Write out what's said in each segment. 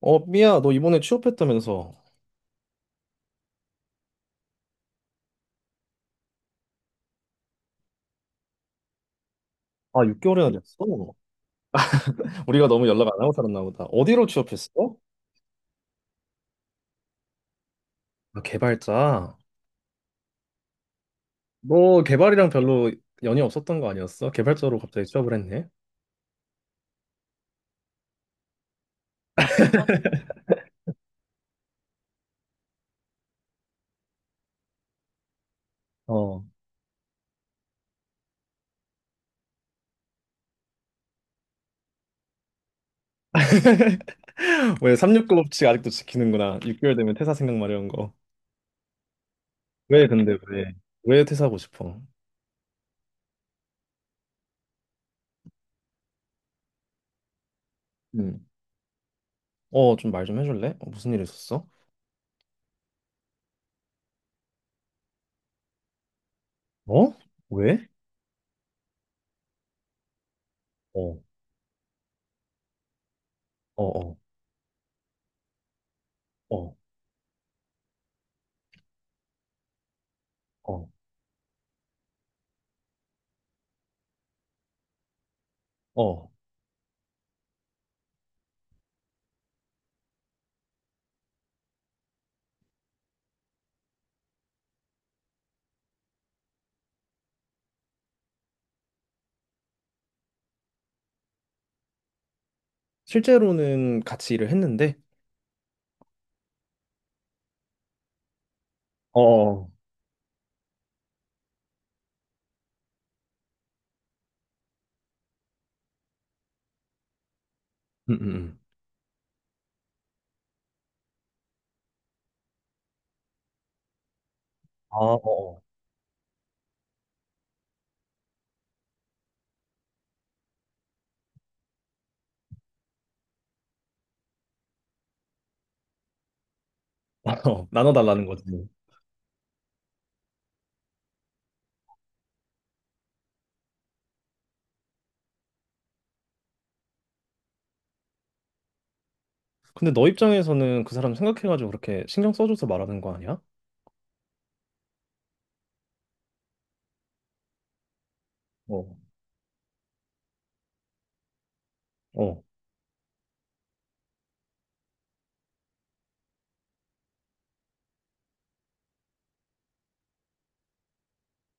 어, 삐야, 너 이번에 취업했다면서. 아, 6개월이나 됐어? 우리가 너무 연락 안 하고 살았나 보다. 어디로 취업했어? 아, 개발자. 너 개발이랑 별로 연이 없었던 거 아니었어? 개발자로 갑자기 취업을 했네? 어. 왜 369 법칙 아직도 지키는구나. 6개월 되면 퇴사 생각 마려운 거. 왜 근데 왜? 왜 퇴사하고 싶어? 음. 어, 말 좀 해줄래? 어, 무슨 일 있었어? 어? 왜? 어, 어, 어, 어, 어, 어. 실제로는 같이 일을 했는데, 어. 음, 음, 음. 아, 어. 어, 나눠달라는 거지. 뭐. 근데 너 입장에서는 그 사람 생각해가지고 그렇게 신경 써줘서 말하는 거 아니야? 어. 어.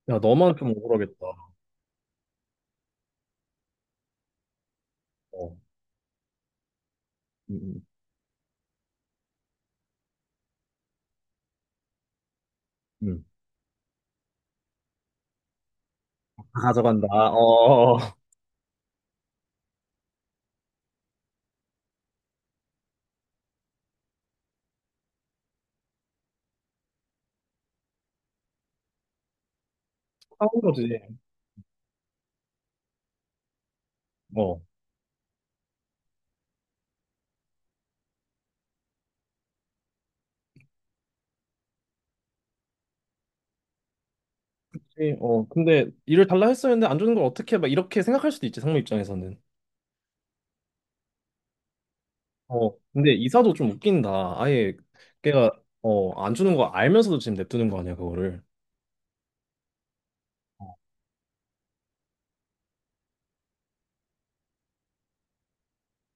야, 너만 좀 억울하겠다. 어. 음, 음, 음. 다 가져간다. 어. 싸운 거지. 어. 그치? 어. 근데 일을 달라 했었는데 안 주는 걸 어떻게 막 이렇게 생각할 수도 있지, 상무 입장에서는. 어. 근데 이사도 좀 웃긴다. 아예 걔가 어, 안 주는 거 알면서도 지금 냅두는 거 아니야, 그거를.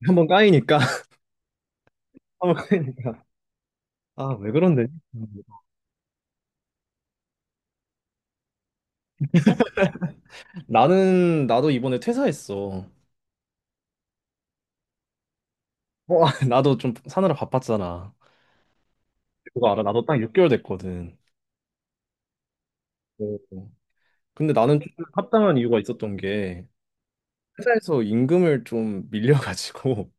한 번 까이니까. 한번 까이니까. 아, 왜 그런데? 음. 나는 나도 이번에 퇴사했어. 어, 나도 좀 사느라 바빴잖아. 그거 알아? 나도 딱 6개월 됐거든. 오. 근데 나는 좀 합당한 이유가 있었던 게 회사에서 임금을 좀 밀려가지고.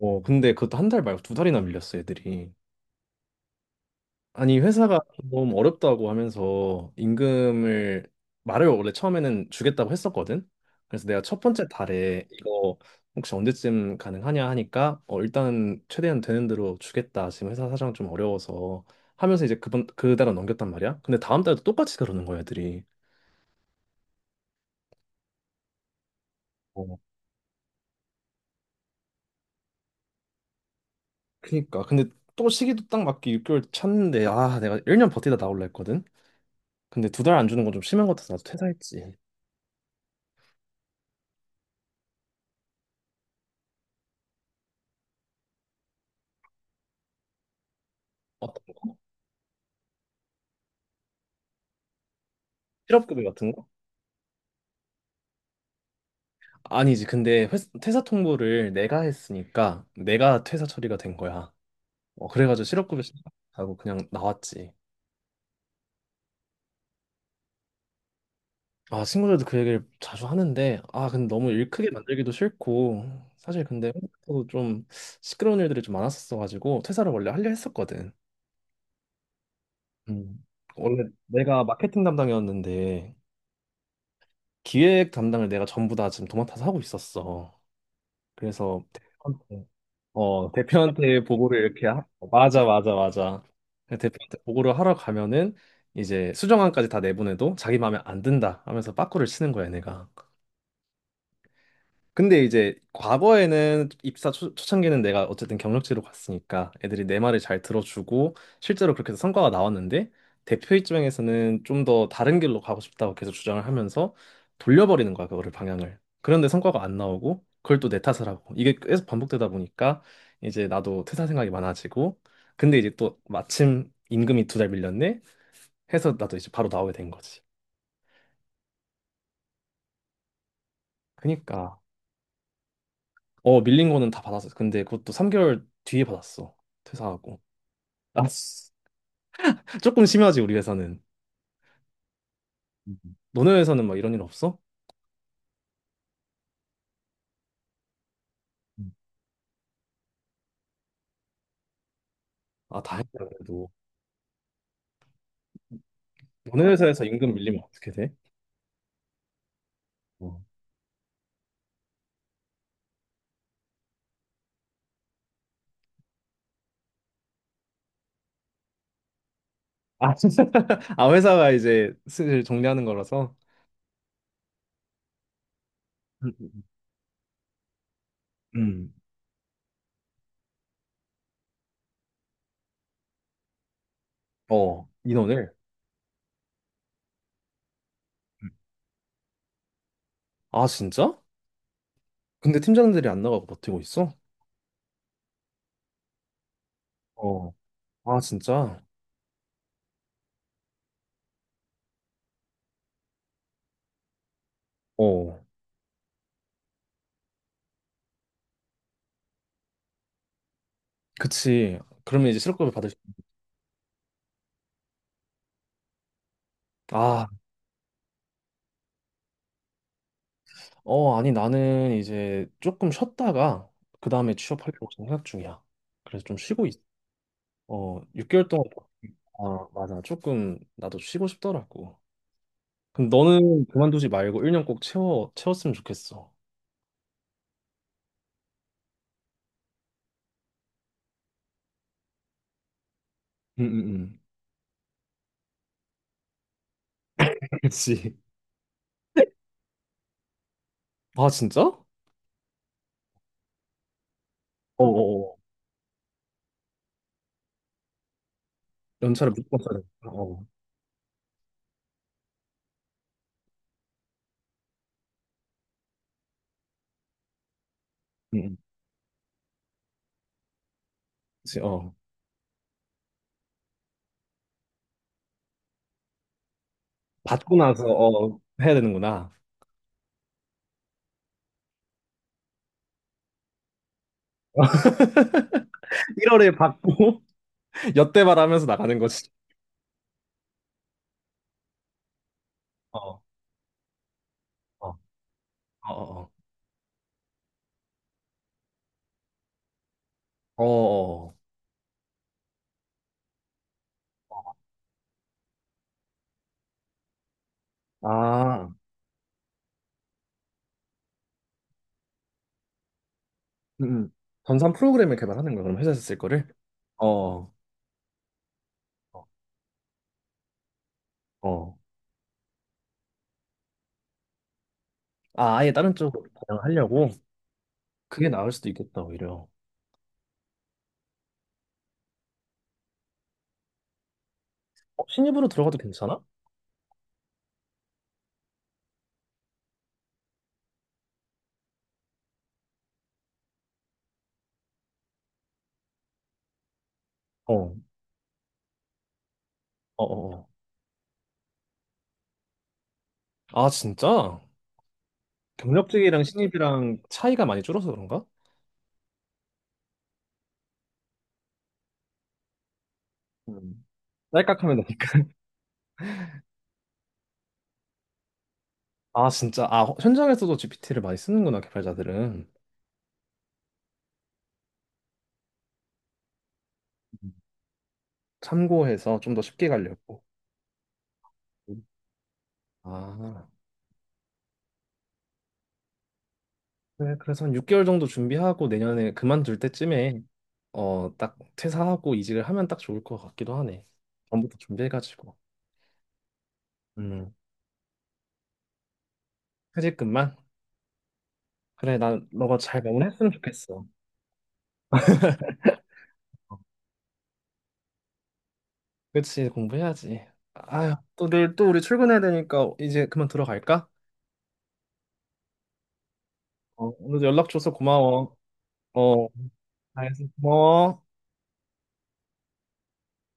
어, 근데 그것도 한 달 말고 두 달이나 밀렸어, 애들이. 아니 회사가 좀 어렵다고 하면서 임금을 말을 원래 처음에는 주겠다고 했었거든. 그래서 내가 첫 번째 달에 이거 혹시 언제쯤 가능하냐 하니까 어 일단은 최대한 되는 대로 주겠다. 지금 회사 사정 좀 어려워서 하면서 이제 그번 그 달은 넘겼단 말이야. 근데 다음 달도 똑같이 그러는 거야, 애들이. 어, 그니까. 근데 또 시기도 딱 맞게 6개월 찼는데 아 내가 1년 버티다 나올라 했거든. 근데 두 달 안 주는 건 좀 심한 것 같아서 나도 퇴사했지. 어떤 거? 실업급여 같은 거? 아니지. 근데 퇴사 통보를 내가 했으니까 내가 퇴사 처리가 된 거야. 어, 그래가지고 실업급여 신청하고 그냥 나왔지. 아, 친구들도 그 얘기를 자주 하는데, 아, 근데 너무 일 크게 만들기도 싫고, 사실 근데 홍대도 좀 시끄러운 일들이 좀 많았었어가지고, 퇴사를 원래 하려 했었거든. 음. 원래 내가 마케팅 담당이었는데, 기획 담당을 내가 전부 다 지금 도맡아서 하고 있었어. 그래서, 어, 대표한테 보고를 이렇게 어, 맞아, 맞아, 맞아. 그 대표한테 보고를 하러 가면은 이제 수정안까지 다 내보내도 자기 마음에 안 든다 하면서 빠꾸를 치는 거야, 얘네가. 근데 이제 과거에는 입사 초창기는 내가 어쨌든 경력직으로 갔으니까 애들이 내 말을 잘 들어주고 실제로 그렇게 해서 성과가 나왔는데 대표 입장에서는 좀 더 다른 길로 가고 싶다고 계속 주장을 하면서 돌려버리는 거야, 그거를 방향을. 그런데 성과가 안 나오고 그걸 또 내 탓을 하고 이게 계속 반복되다 보니까 이제 나도 퇴사 생각이 많아지고 근데 이제 또 마침 임금이 두 달 밀렸네 해서 나도 이제 바로 나오게 된 거지. 그니까 어 밀린 거는 다 받았어. 근데 그것도 3개월 뒤에 받았어. 퇴사하고. 아, 조금 심하지, 우리 회사는. 음, 너네 회사는 막 이런 일 없어? 음. 아, 다행이다, 그래도. 너네 회사에서 임금 밀리면 어떻게 돼? 어. 아, 아, 회사가 이제 슬슬 정리하는 거라서. 음, 음, 음. 어, 인원을. 음. 아, 진짜? 근데 팀장들이 안 나가고 버티고 있어? 어. 아, 진짜? 어, 그치. 그러면 이제 실업급여 받을 수... 아, 어, 아니, 나는 이제 조금 쉬었다가 그 다음에 취업하려고 생각 중이야. 그래서 좀 쉬고 있어. 어, 6개월 동안 아, 맞아. 조금 나도 쉬고 싶더라고. 그럼 너는 그만두지 말고 1년 꼭 채워 채웠으면 좋겠어. 응, 응, 응. 그렇지. 아, 진짜? 어어어. 연차를 무조건 써야 돼. 어. 응, 응. 그지 어. 받고 나서 어, 해야 되는구나. 1월에 받고 엿대발 하면서 나가는 거지. 어. 어. 어. 어. 어. 어. 아. 응. 응. 전산 프로그램을 개발하는 거야. 그럼 회사에서 쓸 거를? 어. 어. 아, 아예 다른 쪽으로 다양하려고? 그게 나을 수도 있겠다, 오히려. 어, 신입으로 들어가도 괜찮아? 어, 어, 어. 어. 아, 진짜? 경력직이랑 신입이랑 차이가 많이 줄어서 그런가? 음, 딸깍하면 되니까. 아, 진짜. 아, 현장에서도 GPT를 많이 쓰는구나, 개발자들은. 음, 참고해서 좀 더 쉽게 가려고. 음. 아, 그래, 그래서 한 6개월 정도 준비하고 내년에 그만둘 때쯤에 어, 딱 퇴사하고 이직을 하면 딱 좋을 것 같기도 하네. 전부터 준비해가지고. 음, 퇴직금만? 그래, 난 너가 잘 마무리했으면 좋겠어. 그치, 공부해야지. 아휴, 또, 내일 또 우리 출근해야 되니까 이제 그만 들어갈까? 어, 오늘 연락 줘서 고마워. 어, 알겠어. 고마워.